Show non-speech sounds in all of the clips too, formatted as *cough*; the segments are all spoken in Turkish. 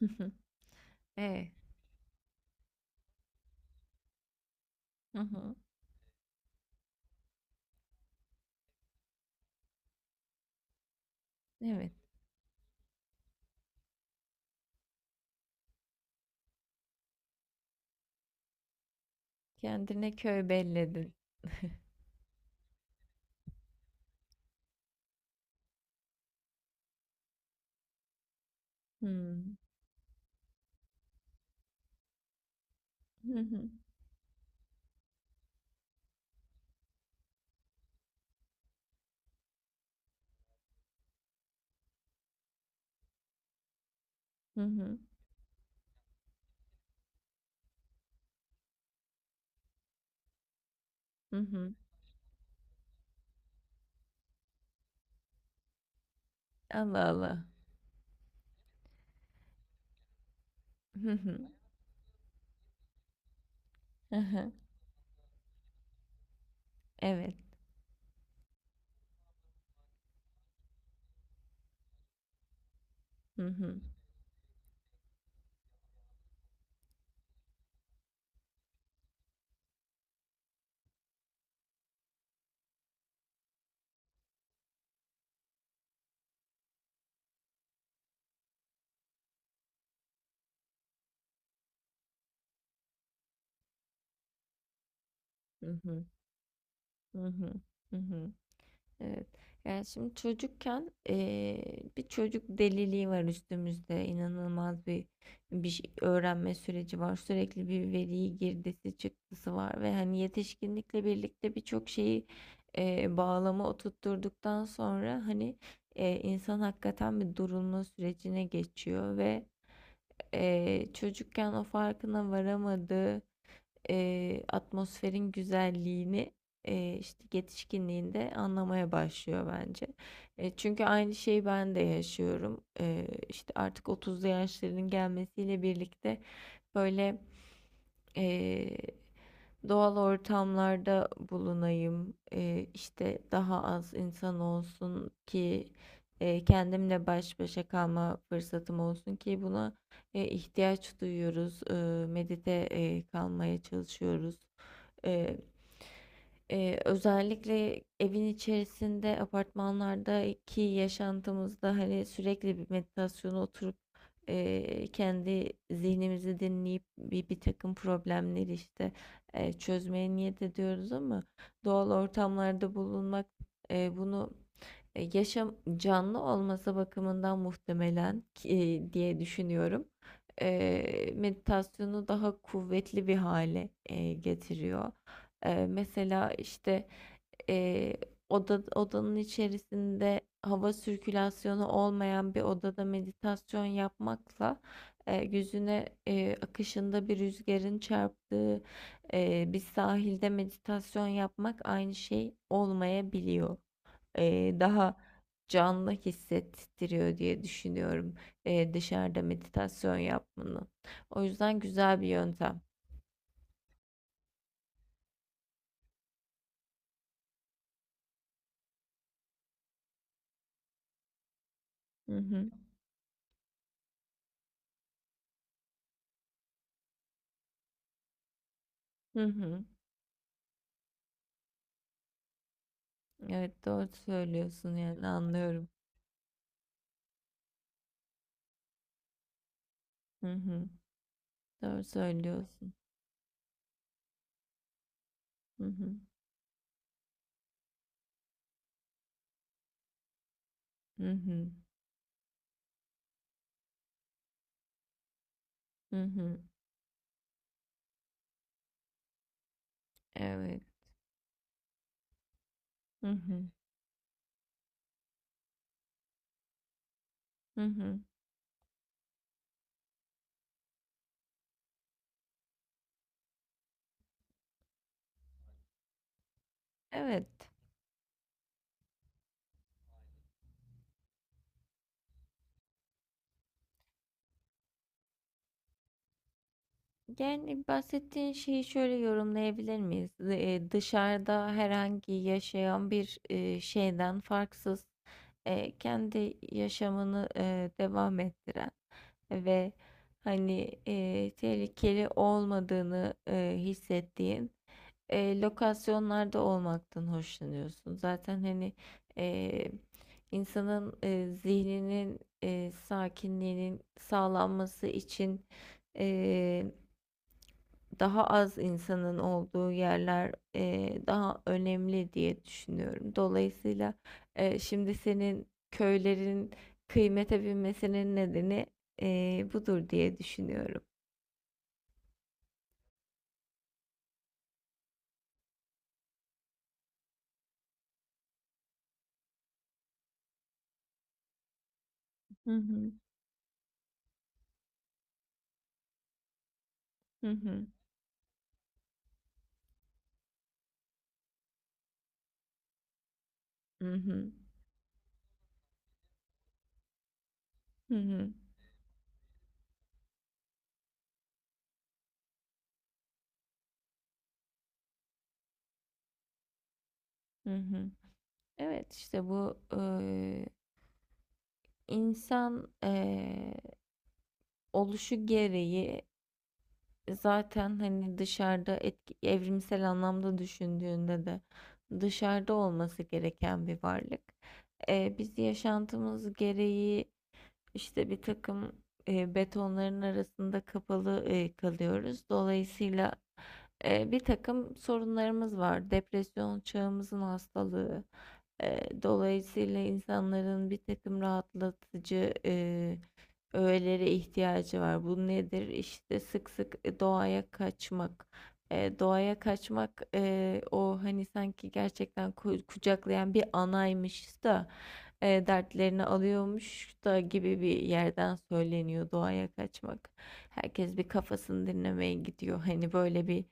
Hı hı. E, hı hı. Evet, kendine köy belledin. *laughs* Hmm. Hı hı. Hı hı. Hı hı. Allah Allah. Hı hı. Hı hı. Evet. Hı hı. Hı hı. Hı hı. Hı hı. Evet. Yani şimdi çocukken bir çocuk deliliği var üstümüzde. İnanılmaz bir öğrenme süreci var. Sürekli bir veriyi girdisi çıktısı var ve hani yetişkinlikle birlikte birçok şeyi bağlama oturtturduktan sonra insan hakikaten bir durulma sürecine geçiyor ve çocukken o farkına varamadığı atmosferin güzelliğini işte yetişkinliğinde anlamaya başlıyor bence. Çünkü aynı şeyi ben de yaşıyorum. İşte artık 30'lu yaşlarının gelmesiyle birlikte böyle eee, doğal ortamlarda bulunayım, işte daha az insan olsun ki kendimle baş başa kalma fırsatım olsun ki buna ihtiyaç duyuyoruz. Medite kalmaya çalışıyoruz. E, Özellikle evin içerisinde, apartmanlardaki yaşantımızda hani sürekli bir meditasyona oturup kendi zihnimizi dinleyip bir takım problemleri işte çözmeye niyet ediyoruz ama doğal ortamlarda bulunmak bunu yaşam canlı olması bakımından muhtemelen diye düşünüyorum meditasyonu daha kuvvetli bir hale getiriyor. Mesela işte eee, odanın içerisinde hava sirkülasyonu olmayan bir odada meditasyon yapmakla yüzüne akışında bir rüzgarın çarptığı bir sahilde meditasyon yapmak aynı şey olmayabiliyor, daha canlı hissettiriyor diye düşünüyorum dışarıda meditasyon yapmanın. O yüzden güzel bir yöntem. Hı hı. Hı hı. Evet, doğru söylüyorsun, yani anlıyorum. Hı hı. Doğru söylüyorsun. Hı hı. Hı hı. Hı hı. Evet. Hı hı. Hı hı. Evet. Yani bahsettiğin şeyi şöyle yorumlayabilir miyiz? Dışarıda herhangi yaşayan bir şeyden farksız, kendi yaşamını devam ettiren ve tehlikeli olmadığını hissettiğin lokasyonlarda olmaktan hoşlanıyorsun. Zaten eee, insanın zihninin sakinliğinin sağlanması için e, daha az insanın olduğu yerler daha önemli diye düşünüyorum. Dolayısıyla şimdi senin köylerin kıymete binmesinin nedeni budur diye düşünüyorum. Hı hı. Hı hı. Hı hı. Hı hı. Hı hı. Evet, işte bu, insan oluşu gereği zaten hani dışarıda etki, evrimsel anlamda düşündüğünde de dışarıda olması gereken bir varlık. Biz yaşantımız gereği işte bir takım betonların arasında kapalı kalıyoruz. Dolayısıyla bir takım sorunlarımız var. Depresyon çağımızın hastalığı. Dolayısıyla insanların bir takım rahatlatıcı öğelere ihtiyacı var. Bu nedir? İşte sık sık doğaya kaçmak. Doğaya kaçmak, o hani sanki gerçekten kucaklayan bir anaymış da dertlerini alıyormuş da gibi bir yerden söyleniyor doğaya kaçmak. Herkes bir kafasını dinlemeye gidiyor. Hani böyle bir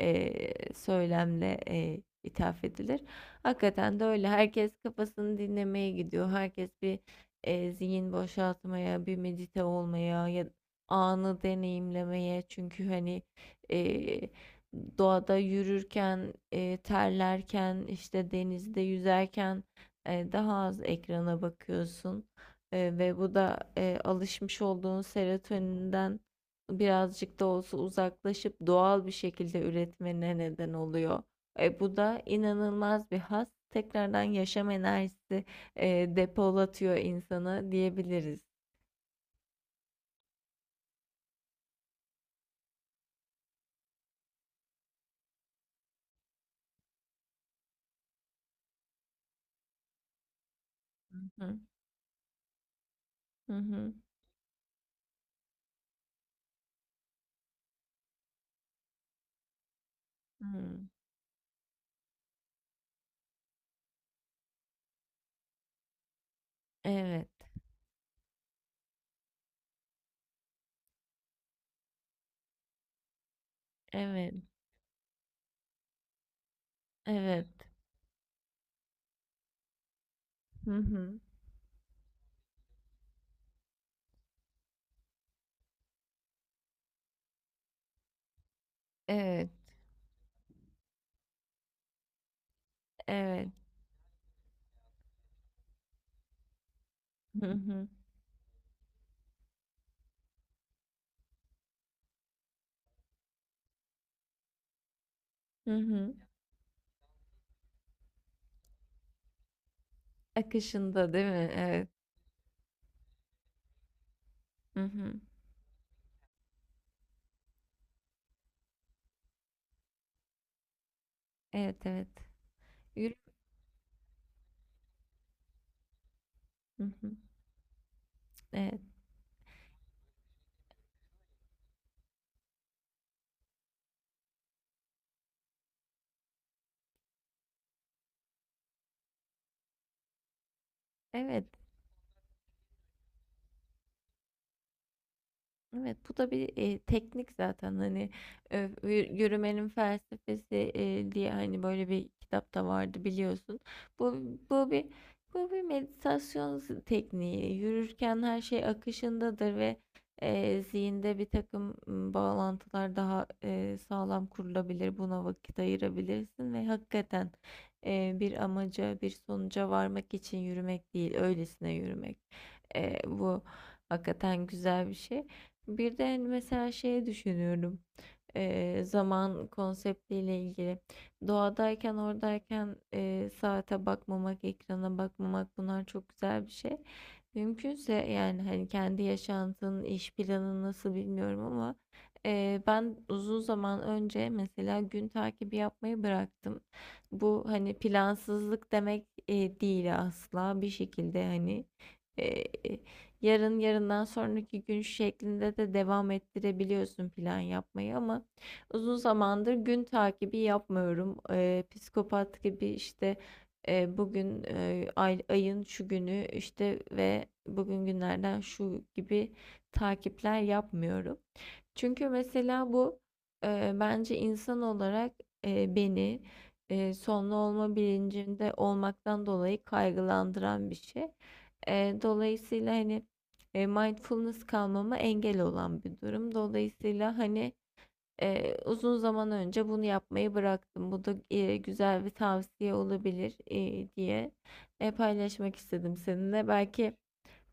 söylemle ithaf edilir. Hakikaten de öyle. Herkes kafasını dinlemeye gidiyor. Herkes bir zihin boşaltmaya, bir medite olmaya ya anı deneyimlemeye. Çünkü hani e, doğada yürürken, terlerken, işte denizde yüzerken daha az ekrana bakıyorsun. Ve bu da alışmış olduğun serotoninden birazcık da olsa uzaklaşıp doğal bir şekilde üretmene neden oluyor. Bu da inanılmaz bir haz. Tekrardan yaşam enerjisi depolatıyor insanı diyebiliriz. Hı hı hı. Hı. Evet, evet, evet. Hı hı. Evet, evet. Hı hı. Hı hı. Akışında değil mi? Evet. Hı hı. Evet, evet. Yürü. Hı hı. Evet. Evet. Evet, bu da bir, teknik zaten, yü yürümenin felsefesi, diye, hani, böyle bir kitap da vardı biliyorsun. Bu bu bir bu bir meditasyon tekniği. Yürürken her şey akışındadır ve, zihinde bir takım bağlantılar daha, sağlam kurulabilir. Buna vakit ayırabilirsin ve hakikaten bir amaca, bir sonuca varmak için yürümek değil, öylesine yürümek. Bu hakikaten güzel bir şey. Bir de mesela şey düşünüyorum, zaman konseptiyle ilgili. Doğadayken, oradayken saate bakmamak, ekrana bakmamak bunlar çok güzel bir şey. Mümkünse yani hani kendi yaşantının iş planı nasıl bilmiyorum ama ben uzun zaman önce mesela gün takibi yapmayı bıraktım. Bu hani plansızlık demek değil asla, bir şekilde hani yarın, yarından sonraki gün şeklinde de devam ettirebiliyorsun plan yapmayı ama uzun zamandır gün takibi yapmıyorum. Psikopat gibi işte bugün ayın şu günü işte ve bugün günlerden şu gibi takipler yapmıyorum. Çünkü mesela bu bence insan olarak beni sonlu olma bilincinde olmaktan dolayı kaygılandıran bir şey. Dolayısıyla hani mindfulness kalmama engel olan bir durum. Dolayısıyla hani uzun zaman önce bunu yapmayı bıraktım. Bu da güzel bir tavsiye olabilir diye paylaşmak istedim seninle. Belki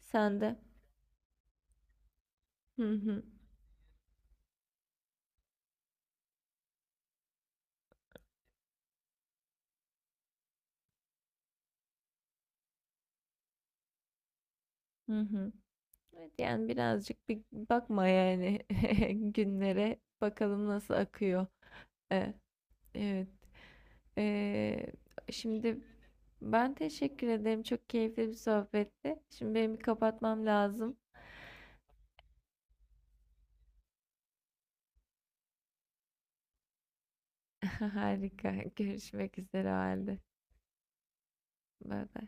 sen de hı hı hı hı. Evet, yani birazcık bir bakma yani *laughs* günlere bakalım nasıl akıyor. E, evet. E, Şimdi ben teşekkür ederim. Çok keyifli bir sohbetti. Şimdi benim bir kapatmam lazım. *laughs* Harika. Görüşmek üzere o halde. Bay bay.